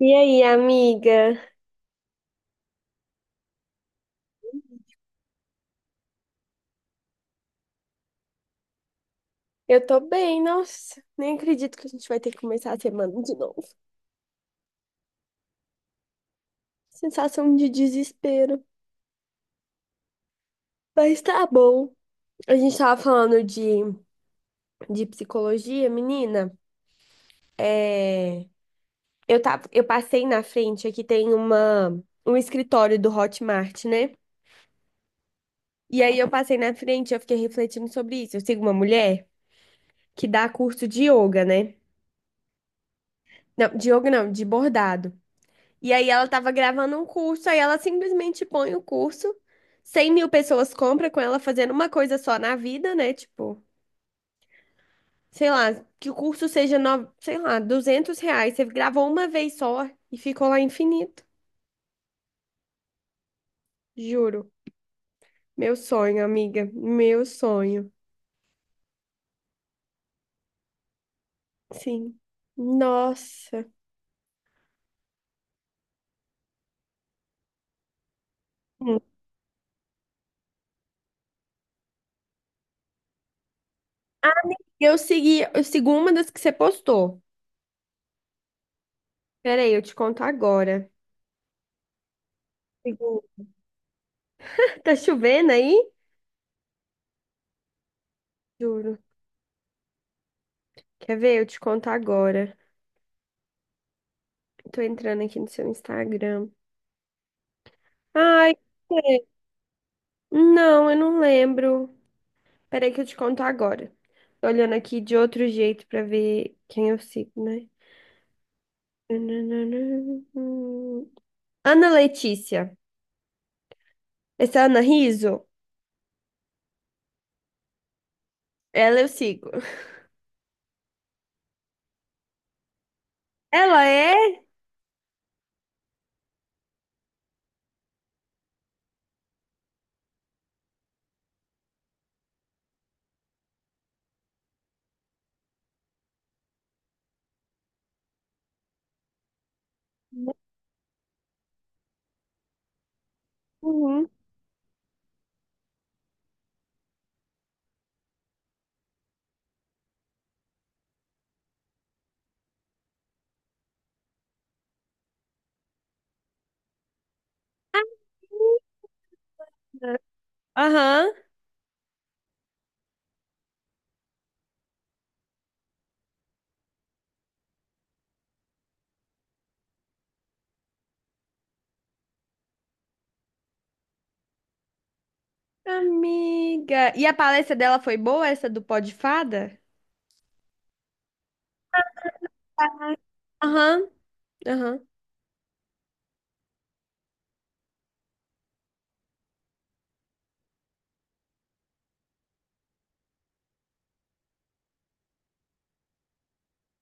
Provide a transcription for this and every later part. E aí, amiga? Eu tô bem, nossa. Nem acredito que a gente vai ter que começar a semana de novo. Sensação de desespero. Mas tá bom. A gente tava falando de psicologia, menina. É, eu passei na frente, um escritório do Hotmart, né? E aí eu passei na frente, eu fiquei refletindo sobre isso. Eu sigo uma mulher que dá curso de yoga, né? Não, de yoga não, de bordado. E aí ela tava gravando um curso, aí ela simplesmente põe o curso, 100.000 pessoas compram com ela fazendo uma coisa só na vida, né? Tipo, sei lá, que o curso seja, no... sei lá, R$ 200. Você gravou uma vez só e ficou lá infinito, juro. Meu sonho, amiga, meu sonho. Sim. Nossa. Hum. Eu sigo uma das que você postou. Peraí, eu te conto agora. Sigo- Tá chovendo aí? Juro. Quer ver? Eu te conto agora. Tô entrando aqui no seu Instagram. Ai, é. Não, eu não lembro. Peraí que eu te conto agora. Tô olhando aqui de outro jeito pra ver quem eu sigo, né? Ana Letícia. Essa é a Ana Riso? Ela eu sigo. Ela é? Uhum. Aham. Amiga, e a palestra dela foi boa, essa do Pó de Fada? Aham, aham.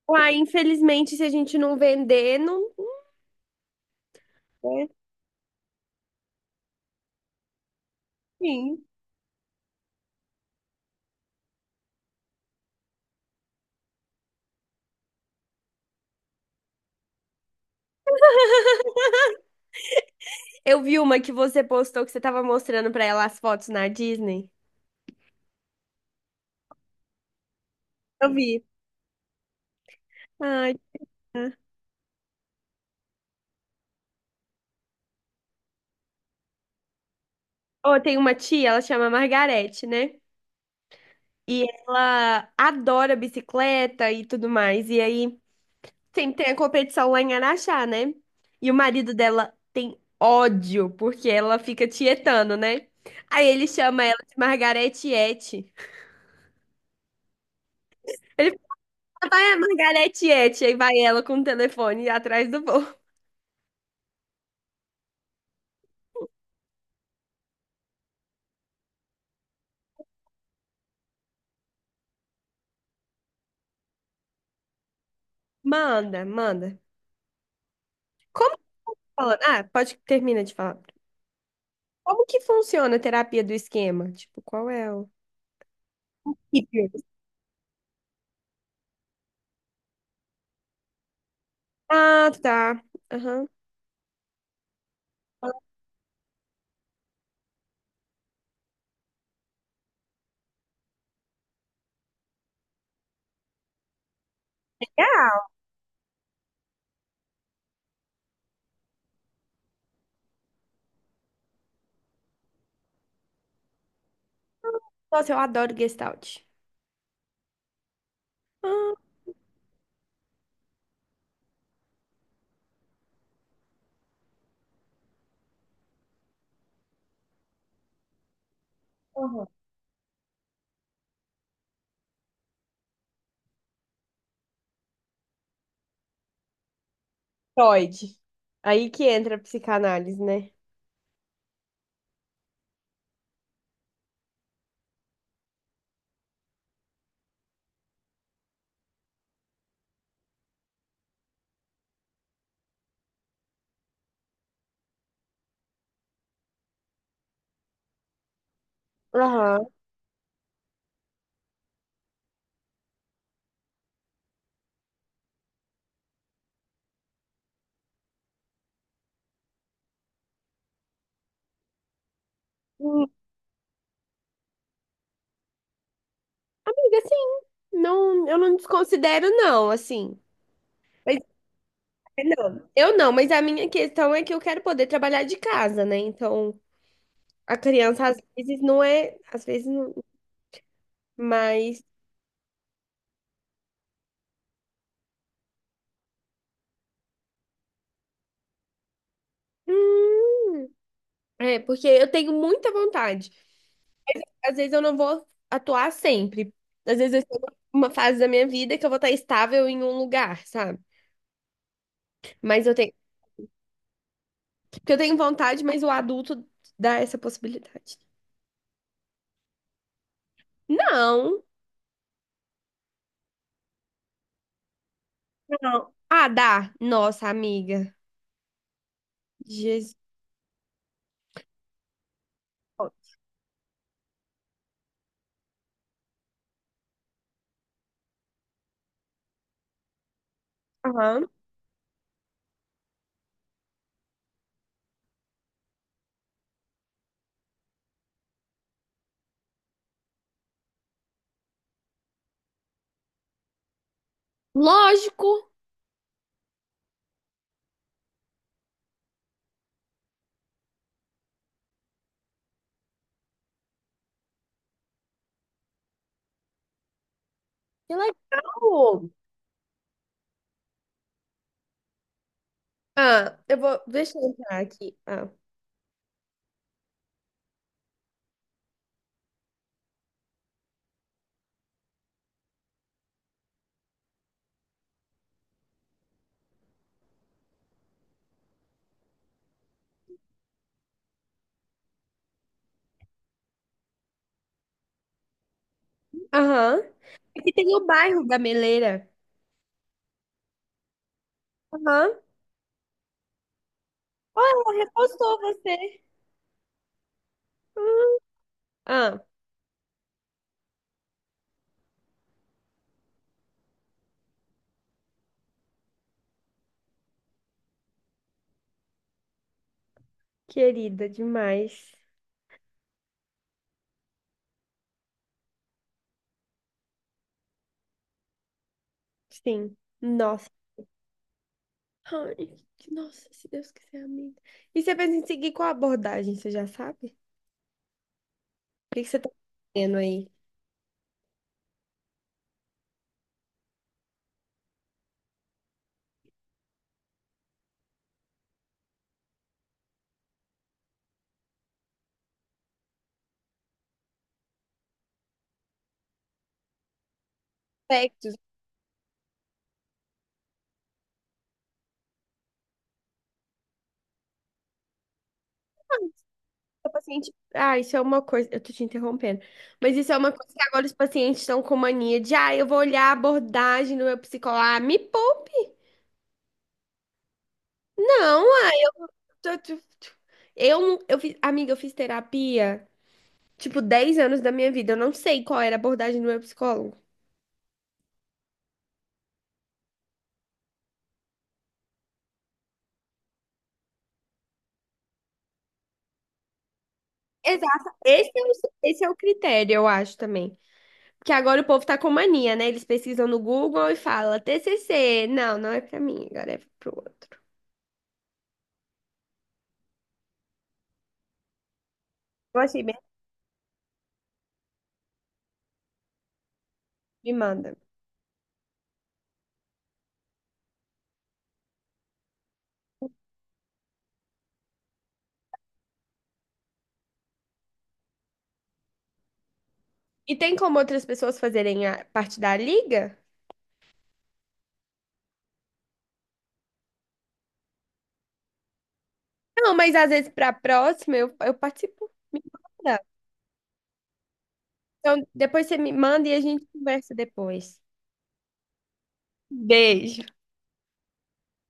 Uai, infelizmente, se a gente não vender, não. É, sim. Eu vi uma que você postou que você tava mostrando pra ela as fotos na Disney. Eu vi. Ai, tá. Ó, tem uma tia, ela chama Margarete, né? E ela adora bicicleta e tudo mais. E aí sempre tem a competição lá em Araxá, né? E o marido dela tem ódio porque ela fica tietando, né? Aí ele chama ela de Margarete Ete. Ele fala, vai a Margarete Ete. Aí vai ela com o telefone atrás do voo. Manda, manda. Como falando. Ah, pode termina de falar. Como que funciona a terapia do esquema? Tipo, qual é o. Hipio. Ah, tá. Aham. Legal. Nossa, eu adoro Gestalt. Ah, aham. Freud. Aí que entra a psicanálise, né? Aham. Hum, amiga, sim. Não, eu não desconsidero, não, assim. Mas, é, não. Eu não, mas a minha questão é que eu quero poder trabalhar de casa, né? Então, a criança às vezes não é. Às vezes não. Mas. Hum, é, porque eu tenho muita vontade. Às vezes eu não vou atuar sempre. Às vezes eu estou numa fase da minha vida que eu vou estar estável em um lugar, sabe? Mas eu tenho, porque eu tenho vontade, mas o adulto dá essa possibilidade. Não, não. Ah, dá. Nossa, amiga. Jesus. Aham. Lógico. Que legal. Ah, eu vou, deixa eu entrar aqui. Ah. Aham. Aqui tem o bairro Gameleira. Aham. Olha, ela repostou você. Ah. Querida demais. Sim. Nossa. Ai, que- nossa, se Deus quiser, amém. E você pensa em seguir qual abordagem, você já sabe? O que que você tá fazendo aí? Aspectos, o paciente. Ah, isso é uma coisa. Eu tô te interrompendo. Mas isso é uma coisa que agora os pacientes estão com mania de, ah, eu vou olhar a abordagem do meu psicólogo. Ah, me poupe! Não, ah, tô- tô- tô- eu, não- eu fiz, amiga, eu fiz terapia, tipo, 10 anos da minha vida. Eu não sei qual era a abordagem do meu psicólogo. Exato. Esse é o critério, eu acho também. Porque agora o povo tá com mania, né? Eles pesquisam no Google e falam TCC. Não, não é pra mim, agora é pro outro. Eu achei bem. Me manda. E tem como outras pessoas fazerem a parte da liga? Não, mas às vezes para a próxima eu participo. Me manda. Então, depois você me manda e a gente conversa depois. Beijo.